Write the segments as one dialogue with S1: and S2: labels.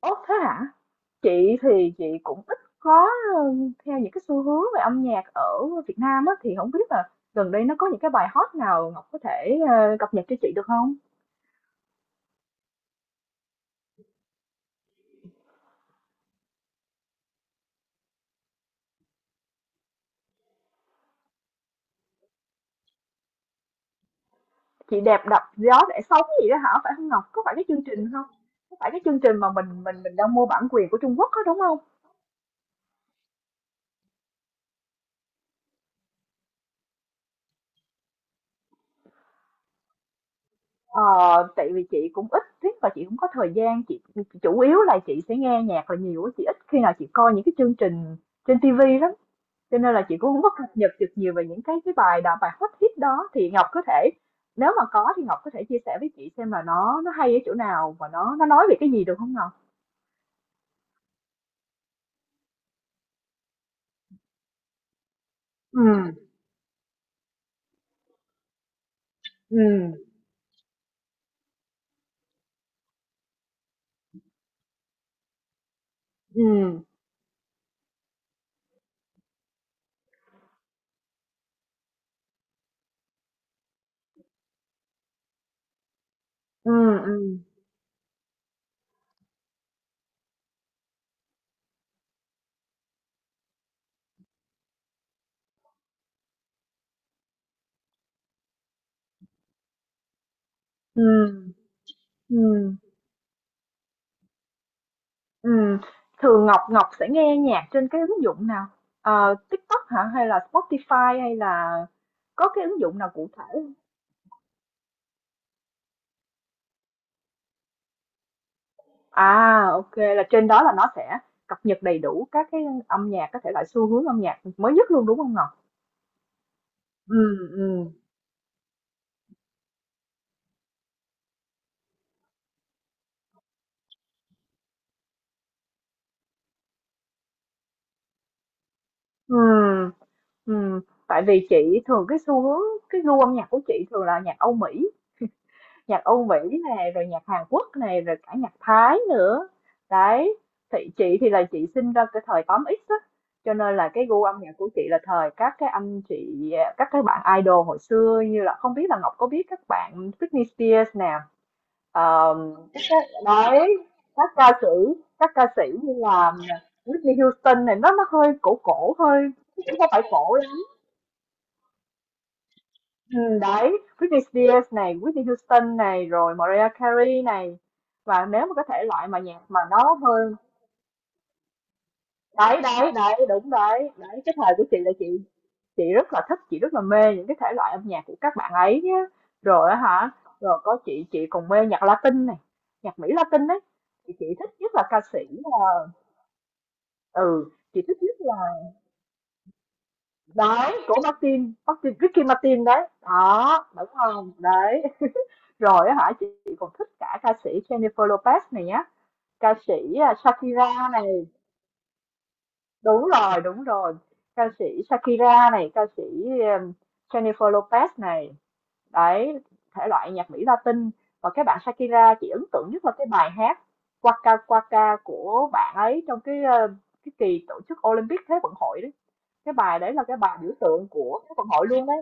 S1: Ố thế hả? Chị thì chị cũng ít có ừ, theo những cái xu hướng về âm nhạc ở Việt Nam á thì không biết là gần đây nó có những cái bài hot nào Ngọc có thể cập nhật cho chị được không? Chị đẹp đập gió để sống gì đó hả? Phải không Ngọc? Có phải cái chương trình không? Có phải cái chương trình mà mình đang mua bản quyền của Trung Quốc đó đúng không? Ờ, tại vì chị cũng ít thích và chị cũng có thời gian chị chủ yếu là chị sẽ nghe nhạc là nhiều á, chị ít khi nào chị coi những cái chương trình trên TV lắm. Cho nên là chị cũng hông có cập nhật được nhiều về những cái bài đào bài hot hit đó, thì Ngọc có thể nếu mà có thì Ngọc có thể chia sẻ với chị xem là nó hay ở chỗ nào và nó nói về cái gì được không Ngọc? Ừ. Ừ. Ừ. Ừ. Ừ. Ừ. Ừm. Thường Ngọc Ngọc sẽ nghe nhạc trên cái ứng dụng nào? TikTok hả? Hay là Spotify hay là có cái ứng dụng nào cụ thể hông? À, là trên đó là nó sẽ cập nhật đầy đủ các cái âm nhạc, các thể loại xu hướng âm nhạc mới nhất luôn, đúng không Ngọc? Ừ, ừ, ừ, ừ. Tại vì chị thường cái xu hướng cái gu âm nhạc của chị thường là nhạc Âu Mỹ. Nhạc Âu Mỹ này rồi nhạc Hàn Quốc này rồi cả nhạc Thái nữa đấy. Thì chị thì là chị sinh ra cái thời 8X á, cho nên là cái gu âm nhạc của chị là thời các cái anh chị các cái bạn idol hồi xưa như là không biết là Ngọc có biết các bạn Britney Spears nè, đấy, các ca sĩ như là Whitney Houston này, nó hơi cổ cổ hơi chứ cũng không phải cổ lắm. Ừ, đấy, Britney Spears này, Whitney Houston này rồi Mariah Carey này, và nếu mà cái thể loại mà nhạc mà nó hơi, đấy đấy đấy đúng đấy đấy, cái thời của chị là chị rất là thích, chị rất là mê những cái thể loại âm nhạc của các bạn ấy nhá. Rồi á hả, rồi có chị còn mê nhạc Latin này, nhạc Mỹ Latin đấy. Thì chị thích nhất là ca sĩ, ừ chị thích nhất đấy của Martin Martin Ricky Martin đấy, đó đúng không đấy. Rồi á hả, chị còn thích cả ca sĩ Jennifer Lopez này nhá, ca sĩ Shakira này. Đúng rồi, đúng rồi, ca sĩ Shakira này, ca sĩ um, Jennifer Lopez này, đấy, thể loại nhạc Mỹ Latin. Và cái bạn Shakira chị ấn tượng nhất là cái bài hát Waka Waka của bạn ấy trong cái kỳ tổ chức Olympic Thế vận hội đấy. Cái bài đấy là cái bài biểu tượng của Thế vận hội luôn đấy.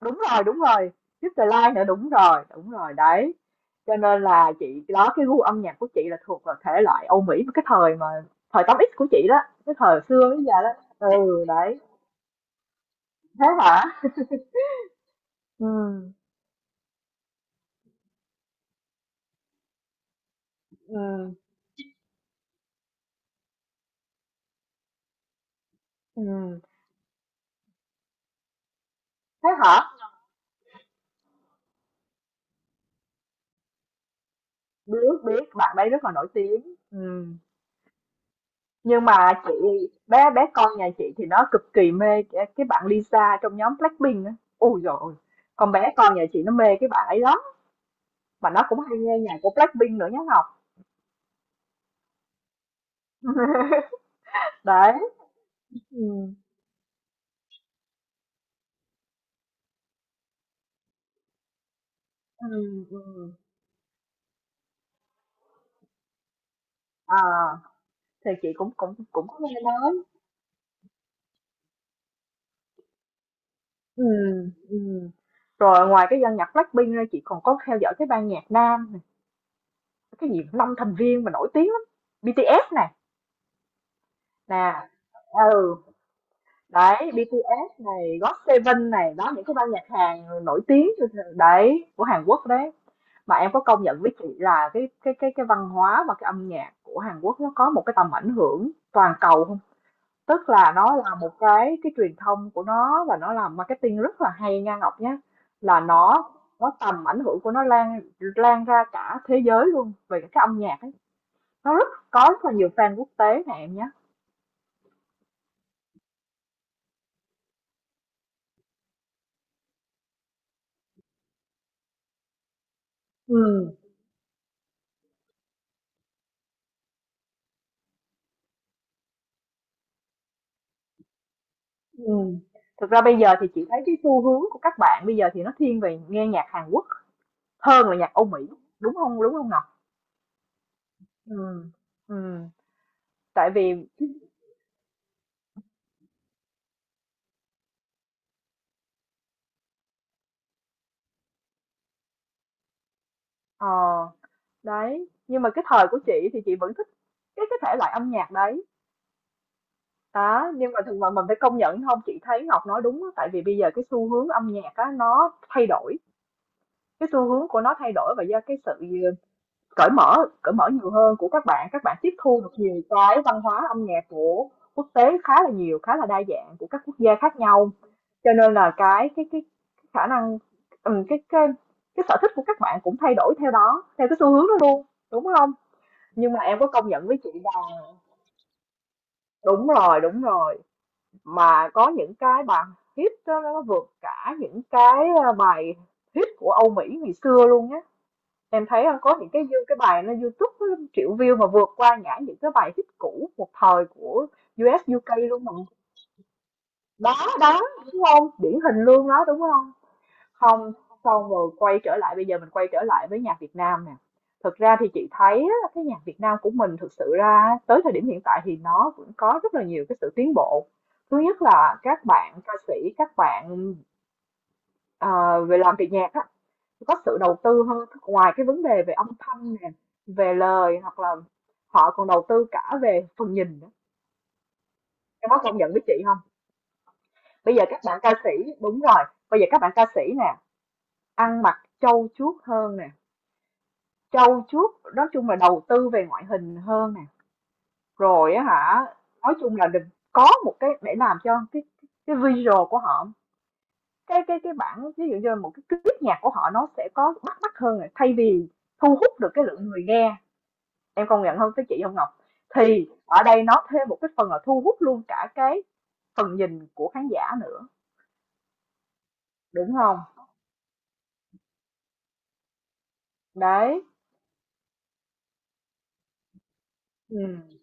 S1: Đúng rồi, Crystalline nữa, đúng rồi, đấy. Cho nên là chị đó, cái gu âm nhạc của chị là thuộc vào thể loại Âu Mỹ cái thời mà, thời 8X của chị đó, cái thời xưa bây giờ đó. Ừ, đấy. Thế hả? Ừ, ừ, ừ. Thế hả? Biết biết bạn ấy rất là nổi tiếng. Ừ. Nhưng mà chị, bé bé con nhà chị thì nó cực kỳ mê cái bạn Lisa trong nhóm Blackpink á. Ôi dồi ôi. Con bé con nhà chị nó mê cái bạn ấy lắm, mà nó cũng hay nghe nhạc của Blackpink nữa nhá Ngọc. Đấy. Ừm. Ừm, ừm, à, thì chị cũng cũng cũng có nghe nói. Ừm, ừm. Rồi ngoài cái ban nhạc Blackpink ra, chị còn có theo dõi cái ban nhạc nam, cái gì 5 thành viên mà nổi tiếng lắm, BTS này, nè, ừ, đấy, BTS này, GOT7 này, đó, những cái ban nhạc Hàn nổi tiếng đấy, của Hàn Quốc đấy. Mà em có công nhận với chị là cái văn hóa và cái âm nhạc của Hàn Quốc nó có một cái tầm ảnh hưởng toàn cầu không? Tức là nó là một cái truyền thông của nó, và nó làm marketing rất là hay nha Ngọc nhé. Là nó tầm ảnh hưởng của nó lan lan ra cả thế giới luôn về cái âm nhạc ấy. Nó rất có, rất là nhiều fan quốc tế nè em nhé. Ừ. Ừ. Thực ra bây giờ thì chị thấy cái xu hướng của các bạn bây giờ thì nó thiên về nghe nhạc Hàn Quốc hơn là nhạc Âu Mỹ, đúng không? Đúng không Ngọc? Ừ. Ừ. Tại vì ờ đấy, nhưng mà cái thời của chị thì chị vẫn thích cái thể loại âm nhạc đấy đó, nhưng mà thực mà mình phải công nhận không, chị thấy Ngọc nói đúng á, tại vì bây giờ cái xu hướng âm nhạc á nó thay đổi, cái xu hướng của nó thay đổi, và do cái sự ờ, cởi mở, nhiều hơn của các bạn tiếp thu được nhiều cái văn hóa âm nhạc của quốc tế, khá là nhiều, khá là đa dạng của các quốc gia khác nhau, cho nên là cái khả năng ừ, cái sở thích của các bạn cũng thay đổi theo đó, theo cái xu hướng đó luôn, đúng không? Nhưng mà em có công nhận với chị rằng đúng rồi, đúng rồi, mà có những cái bài hit đó, nó vượt cả những bài hit của Âu Mỹ ngày xưa luôn nhé. Em thấy có những cái bài nó YouTube nó triệu view mà vượt qua ngã những cái bài hit cũ một thời của US UK luôn mà, đó đó, đúng không, điển hình luôn đó, đúng không. Không, xong rồi quay trở lại, bây giờ mình quay trở lại với nhạc Việt Nam nè. Thực ra thì chị thấy á, cái nhạc Việt Nam của mình thực sự ra tới thời điểm hiện tại thì nó vẫn có rất là nhiều cái sự tiến bộ. Thứ nhất là các bạn ca sĩ, các bạn ờ, về làm việc nhạc á, có sự đầu tư hơn, ngoài cái vấn đề về âm thanh nè, về lời, hoặc là họ còn đầu tư cả về phần nhìn nữa. Em có công nhận với chị không? Bây giờ các bạn ca sĩ, đúng rồi, bây giờ các bạn ca sĩ nè, ăn mặc trau chuốt hơn nè. Trau chuốt, nói chung là đầu tư về ngoại hình hơn nè, rồi á hả, nói chung là đừng, có một cái để làm cho cái visual của họ, cái bản ví dụ như là một cái clip nhạc của họ nó sẽ có bắt mắt hơn này, thay vì thu hút được cái lượng người nghe, em công nhận không cái chị không Ngọc? Thì ở đây nó thêm một cái phần là thu hút luôn cả cái phần nhìn của khán giả nữa, đúng không? Đấy, ừ,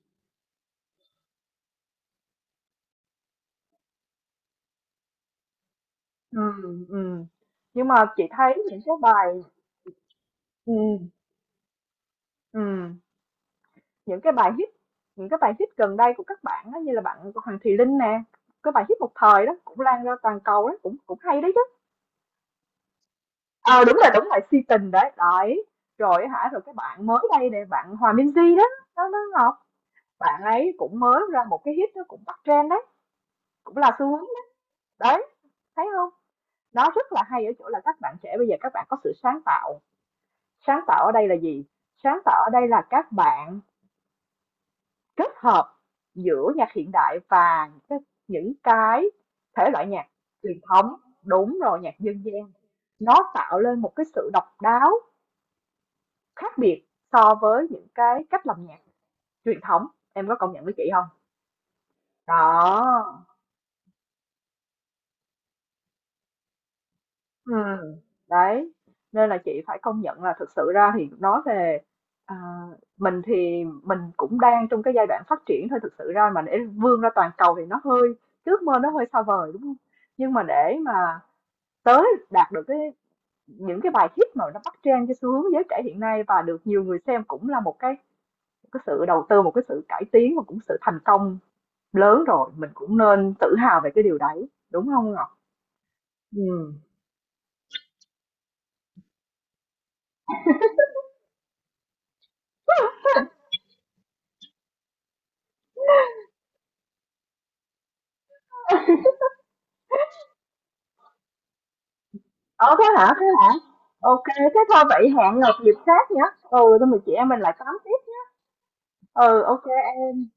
S1: ừ, ừ. Nhưng mà chị thấy những cái bài, ừ, ừ, những cái bài hit, những cái bài hit gần đây của các bạn đó, như là bạn của Hoàng Thùy Linh nè, cái bài hit một thời đó cũng lan ra toàn cầu đó, cũng cũng hay đấy chứ. Ờ à, đúng là si tình đấy đấy. Rồi hả, rồi cái bạn mới đây nè, bạn Hòa Minh Di đó, nó Ngọc, bạn ấy cũng mới ra một cái hit nó cũng bắt trend đấy, cũng là xu hướng đấy. Đấy, thấy không, nó rất là hay ở chỗ là các bạn trẻ bây giờ các bạn có sự sáng tạo. Sáng tạo ở đây là gì? Sáng tạo ở đây là các bạn kết hợp giữa nhạc hiện đại và những cái thể loại nhạc truyền thống, đúng rồi, nhạc dân gian, nó tạo lên một cái sự độc đáo, khác biệt so với những cái cách làm nhạc truyền thống, em có công nhận với chị không? Đó. Ừ, đấy, nên là chị phải công nhận là thực sự ra thì nói về à, mình thì mình cũng đang trong cái giai đoạn phát triển thôi, thực sự ra mà để vươn ra toàn cầu thì nó hơi, ước mơ nó hơi xa vời, đúng không? Nhưng mà để mà tới đạt được cái những cái bài hit mà nó bắt trend cái xu hướng giới trẻ hiện nay và được nhiều người xem cũng là một cái, một cái sự đầu tư, một cái sự cải tiến, và cũng sự thành công lớn rồi, mình cũng nên tự hào về cái điều đấy, đúng không Ngọc? Ừ. Ờ thế hả, thế hả, ok thế thôi vậy, hẹn Ngọc dịp khác nhé. Ừ tụi mình, chị em mình lại tám tiếp. Ừ, ok em.